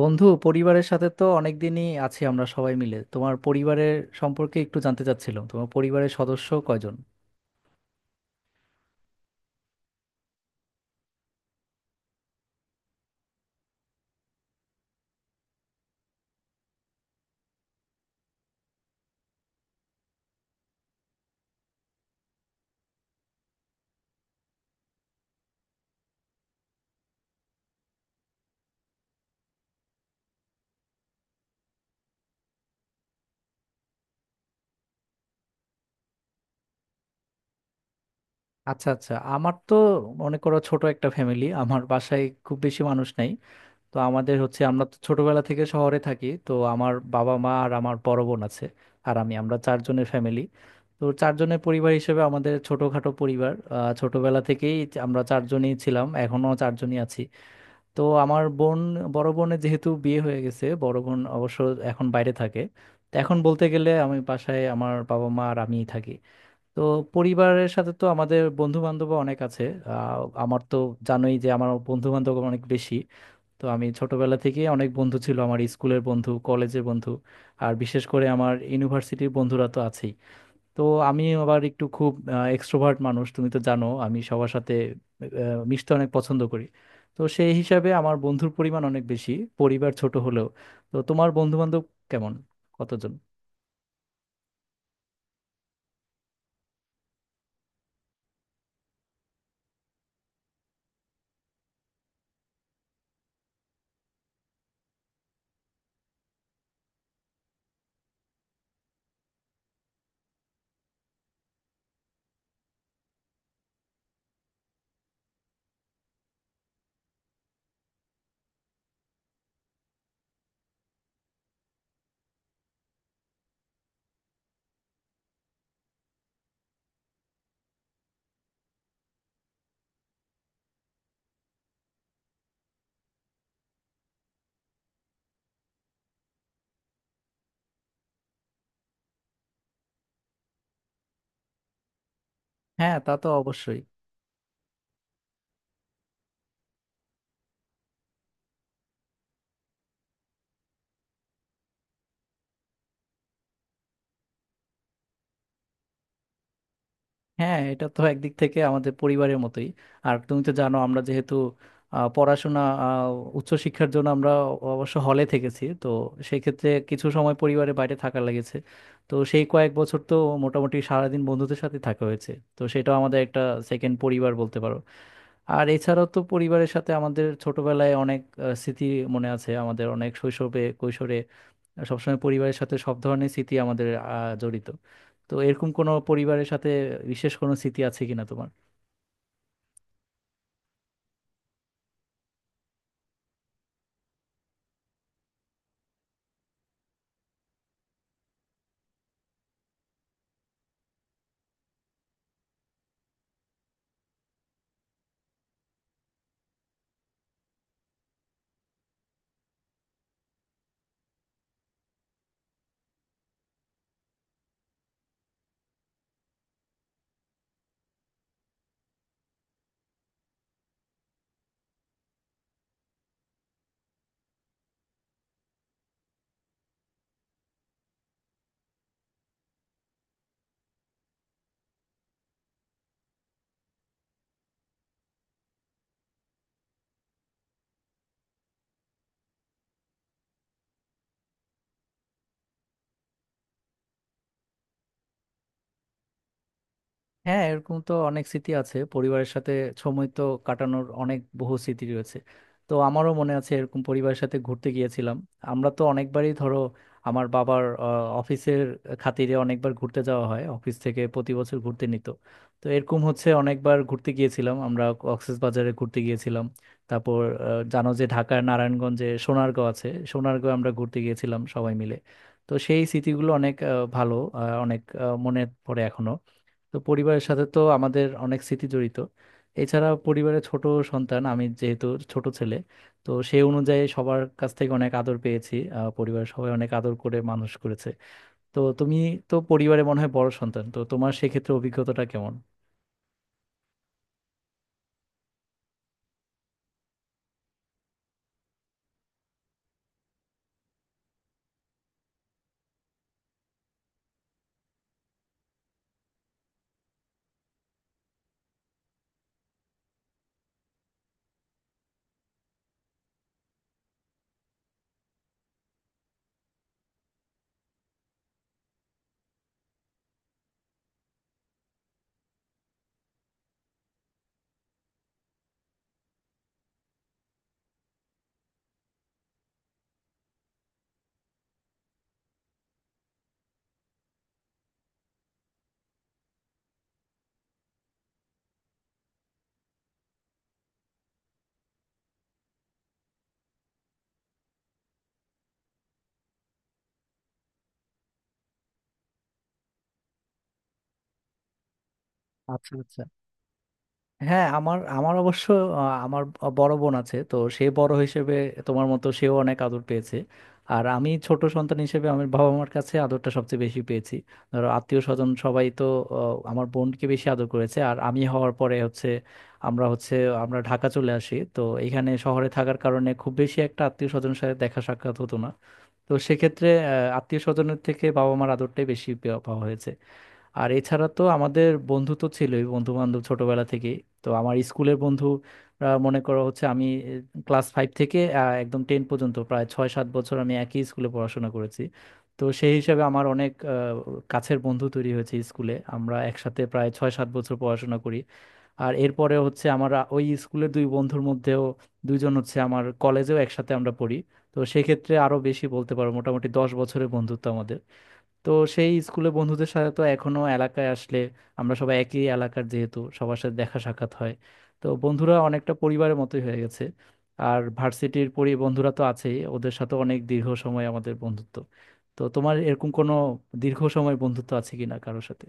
বন্ধু, পরিবারের সাথে তো অনেকদিনই আছি আমরা সবাই মিলে। তোমার পরিবারের সম্পর্কে একটু জানতে চাচ্ছিলাম, তোমার পরিবারের সদস্য কয়জন? আচ্ছা আচ্ছা, আমার তো মনে করো ছোট একটা ফ্যামিলি, আমার বাসায় খুব বেশি মানুষ নাই। তো আমাদের হচ্ছে, আমরা তো ছোটবেলা থেকে শহরে থাকি। তো আমার বাবা মা আর আমার বড় বোন আছে আর আমি, আমরা চারজনের ফ্যামিলি। তো চারজনের পরিবার হিসেবে আমাদের ছোটখাটো পরিবার। ছোটবেলা থেকেই আমরা চারজনই ছিলাম, এখনো চারজনই আছি। তো আমার বোন, বড় বোনের যেহেতু বিয়ে হয়ে গেছে, বড় বোন অবশ্য এখন বাইরে থাকে। তো এখন বলতে গেলে আমি বাসায় আমার বাবা মা আর আমিই থাকি। তো পরিবারের সাথে তো আমাদের বন্ধু বান্ধব অনেক আছে। আমার তো জানোই যে আমার বন্ধু বান্ধব অনেক বেশি। তো আমি ছোটবেলা থেকে অনেক বন্ধু ছিল আমার, স্কুলের বন্ধু, কলেজের বন্ধু, আর বিশেষ করে আমার ইউনিভার্সিটির বন্ধুরা তো আছেই। তো আমি আবার একটু খুব এক্সট্রোভার্ট মানুষ, তুমি তো জানো আমি সবার সাথে মিশতে অনেক পছন্দ করি। তো সেই হিসাবে আমার বন্ধুর পরিমাণ অনেক বেশি, পরিবার ছোট হলেও। তো তোমার বন্ধু বান্ধব কেমন, কতজন? হ্যাঁ, তা তো অবশ্যই। হ্যাঁ, এটা তো একদিক থেকে আমাদের পরিবারের মতোই। আর তুমি তো জানো আমরা যেহেতু পড়াশোনা, উচ্চশিক্ষার জন্য আমরা অবশ্য হলে থেকেছি। তো সেক্ষেত্রে কিছু সময় পরিবারের বাইরে থাকা লেগেছে। তো সেই কয়েক বছর তো মোটামুটি সারাদিন বন্ধুদের সাথে থাকা হয়েছে। তো সেটাও আমাদের একটা সেকেন্ড পরিবার বলতে পারো। আর এছাড়াও তো পরিবারের সাথে আমাদের ছোটবেলায় অনেক স্মৃতি মনে আছে আমাদের। অনেক শৈশবে, কৈশোরে সবসময় পরিবারের সাথে সব ধরনের স্মৃতি আমাদের জড়িত। তো এরকম কোনো পরিবারের সাথে বিশেষ কোনো স্মৃতি আছে কিনা তোমার? হ্যাঁ, এরকম তো অনেক স্মৃতি আছে পরিবারের সাথে, সময় তো কাটানোর অনেক বহু স্মৃতি রয়েছে। তো আমারও মনে আছে এরকম পরিবারের সাথে ঘুরতে গিয়েছিলাম। আমরা তো অনেকবারই, ধরো আমার বাবার অফিসের খাতিরে অনেকবার ঘুরতে যাওয়া হয়, অফিস থেকে প্রতি বছর ঘুরতে নিত। তো এরকম হচ্ছে অনেকবার ঘুরতে গিয়েছিলাম আমরা, বাজারে ঘুরতে গিয়েছিলাম। তারপর জানো যে ঢাকার নারায়ণগঞ্জে সোনারগাঁও আছে, সোনারগাঁও আমরা ঘুরতে গিয়েছিলাম সবাই মিলে। তো সেই স্মৃতিগুলো অনেক ভালো, অনেক মনে পড়ে এখনো। তো পরিবারের সাথে তো আমাদের অনেক স্মৃতি জড়িত। এছাড়া পরিবারের ছোট সন্তান আমি, যেহেতু ছোট ছেলে, তো সেই অনুযায়ী সবার কাছ থেকে অনেক আদর পেয়েছি। পরিবারের সবাই অনেক আদর করে মানুষ করেছে। তো তুমি তো পরিবারে মনে হয় বড় সন্তান, তো তোমার সেক্ষেত্রে অভিজ্ঞতাটা কেমন? আচ্ছা আচ্ছা। হ্যাঁ, আমার আমার অবশ্য আহ, আমার বড় বোন আছে, তো সে বড় হিসেবে তোমার মতো সেও অনেক আদর পেয়েছে। আর আমি ছোট সন্তান হিসেবে আমার বাবা মার কাছে আদরটা সবচেয়ে বেশি পেয়েছি। ধরো আত্মীয় স্বজন সবাই তো আমার বোনকে বেশি আদর করেছে, আর আমি হওয়ার পরে হচ্ছে, আমরা হচ্ছে আমরা ঢাকা চলে আসি। তো এখানে শহরে থাকার কারণে খুব বেশি একটা আত্মীয় স্বজনের সাথে দেখা সাক্ষাৎ হতো না। তো সেক্ষেত্রে আত্মীয় স্বজনের থেকে বাবা মার আদরটাই বেশি পাওয়া হয়েছে। আর এছাড়া তো আমাদের বন্ধু তো ছিলই, বন্ধু বান্ধব ছোটবেলা থেকে। তো আমার স্কুলের বন্ধুরা, মনে করো হচ্ছে আমি ক্লাস ফাইভ থেকে একদম টেন পর্যন্ত প্রায় 6-7 বছর আমি একই স্কুলে পড়াশোনা করেছি। তো সেই হিসাবে আমার অনেক কাছের বন্ধু তৈরি হয়েছে স্কুলে, আমরা একসাথে প্রায় 6-7 বছর পড়াশোনা করি। আর এরপরে হচ্ছে আমার ওই স্কুলের দুই বন্ধুর মধ্যেও দুইজন হচ্ছে আমার কলেজেও একসাথে আমরা পড়ি। তো সেক্ষেত্রে আরো বেশি বলতে পারো, মোটামুটি 10 বছরের বন্ধুত্ব আমাদের। তো সেই স্কুলে বন্ধুদের সাথে তো এখনো এলাকায় আসলে, আমরা সবাই একই এলাকার যেহেতু, সবার সাথে দেখা সাক্ষাৎ হয়। তো বন্ধুরা অনেকটা পরিবারের মতোই হয়ে গেছে। আর ভার্সিটির বন্ধুরা তো আছেই, ওদের সাথে অনেক দীর্ঘ সময় আমাদের বন্ধুত্ব। তো তোমার এরকম কোনো দীর্ঘ সময় বন্ধুত্ব আছে কিনা কারোর সাথে?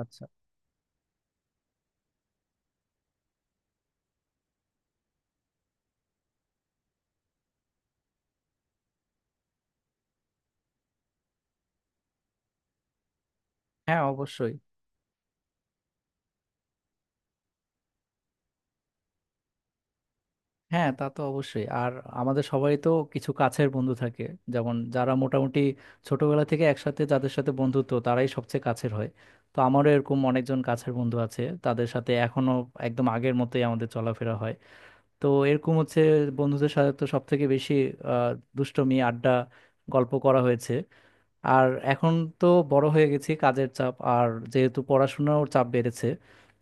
আচ্ছা। হ্যাঁ, অবশ্যই। হ্যাঁ, তা তো অবশ্যই। আর আমাদের সবাই তো কিছু কাছের বন্ধু থাকে, যেমন যারা মোটামুটি ছোটবেলা থেকে একসাথে, যাদের সাথে বন্ধুত্ব তারাই সবচেয়ে কাছের হয়। তো আমারও এরকম অনেকজন কাছের বন্ধু আছে, তাদের সাথে এখনো একদম আগের মতোই আমাদের চলাফেরা হয়। তো এরকম হচ্ছে বন্ধুদের সাথে তো সব থেকে বেশি আহ দুষ্টুমি, আড্ডা, গল্প করা হয়েছে। আর এখন তো বড় হয়ে গেছি, কাজের চাপ আর যেহেতু পড়াশোনার চাপ বেড়েছে,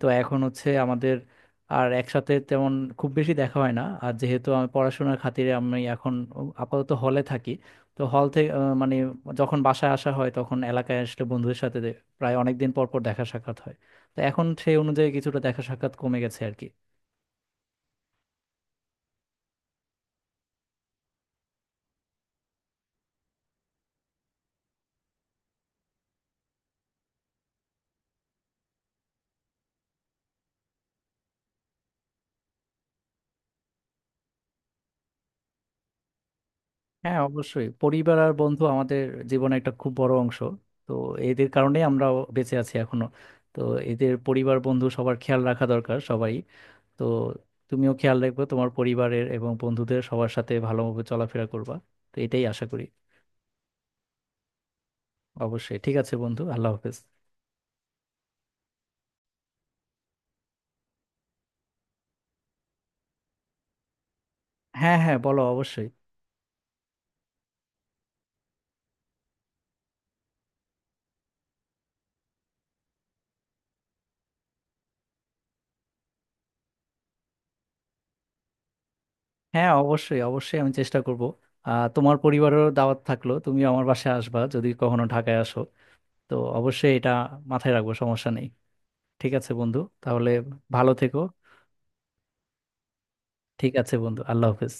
তো এখন হচ্ছে আমাদের আর একসাথে তেমন খুব বেশি দেখা হয় না। আর যেহেতু আমি পড়াশোনার খাতিরে আমি এখন আপাতত হলে থাকি, তো হল থেকে মানে যখন বাসায় আসা হয়, তখন এলাকায় আসলে বন্ধুদের সাথে প্রায় অনেক দিন পর পর দেখা সাক্ষাৎ হয়। তো এখন সেই অনুযায়ী কিছুটা দেখা সাক্ষাৎ কমে গেছে আর কি। হ্যাঁ, অবশ্যই, পরিবার আর বন্ধু আমাদের জীবনে একটা খুব বড় অংশ। তো এদের কারণেই আমরা বেঁচে আছি এখনো। তো এদের, পরিবার, বন্ধু, সবার খেয়াল রাখা দরকার সবাই। তো তুমিও খেয়াল রাখবে তোমার পরিবারের এবং বন্ধুদের, সবার সাথে ভালোভাবে চলাফেরা করবা। তো এটাই আশা করি। অবশ্যই ঠিক আছে বন্ধু, আল্লাহ হাফেজ। হ্যাঁ হ্যাঁ, বলো অবশ্যই। হ্যাঁ, অবশ্যই অবশ্যই, আমি চেষ্টা করব। তোমার পরিবারেরও দাওয়াত থাকলো, তুমিও আমার বাসায় আসবা যদি কখনো ঢাকায় আসো। তো অবশ্যই এটা মাথায় রাখবো, সমস্যা নেই। ঠিক আছে বন্ধু তাহলে, ভালো থেকো। ঠিক আছে বন্ধু, আল্লাহ হাফেজ।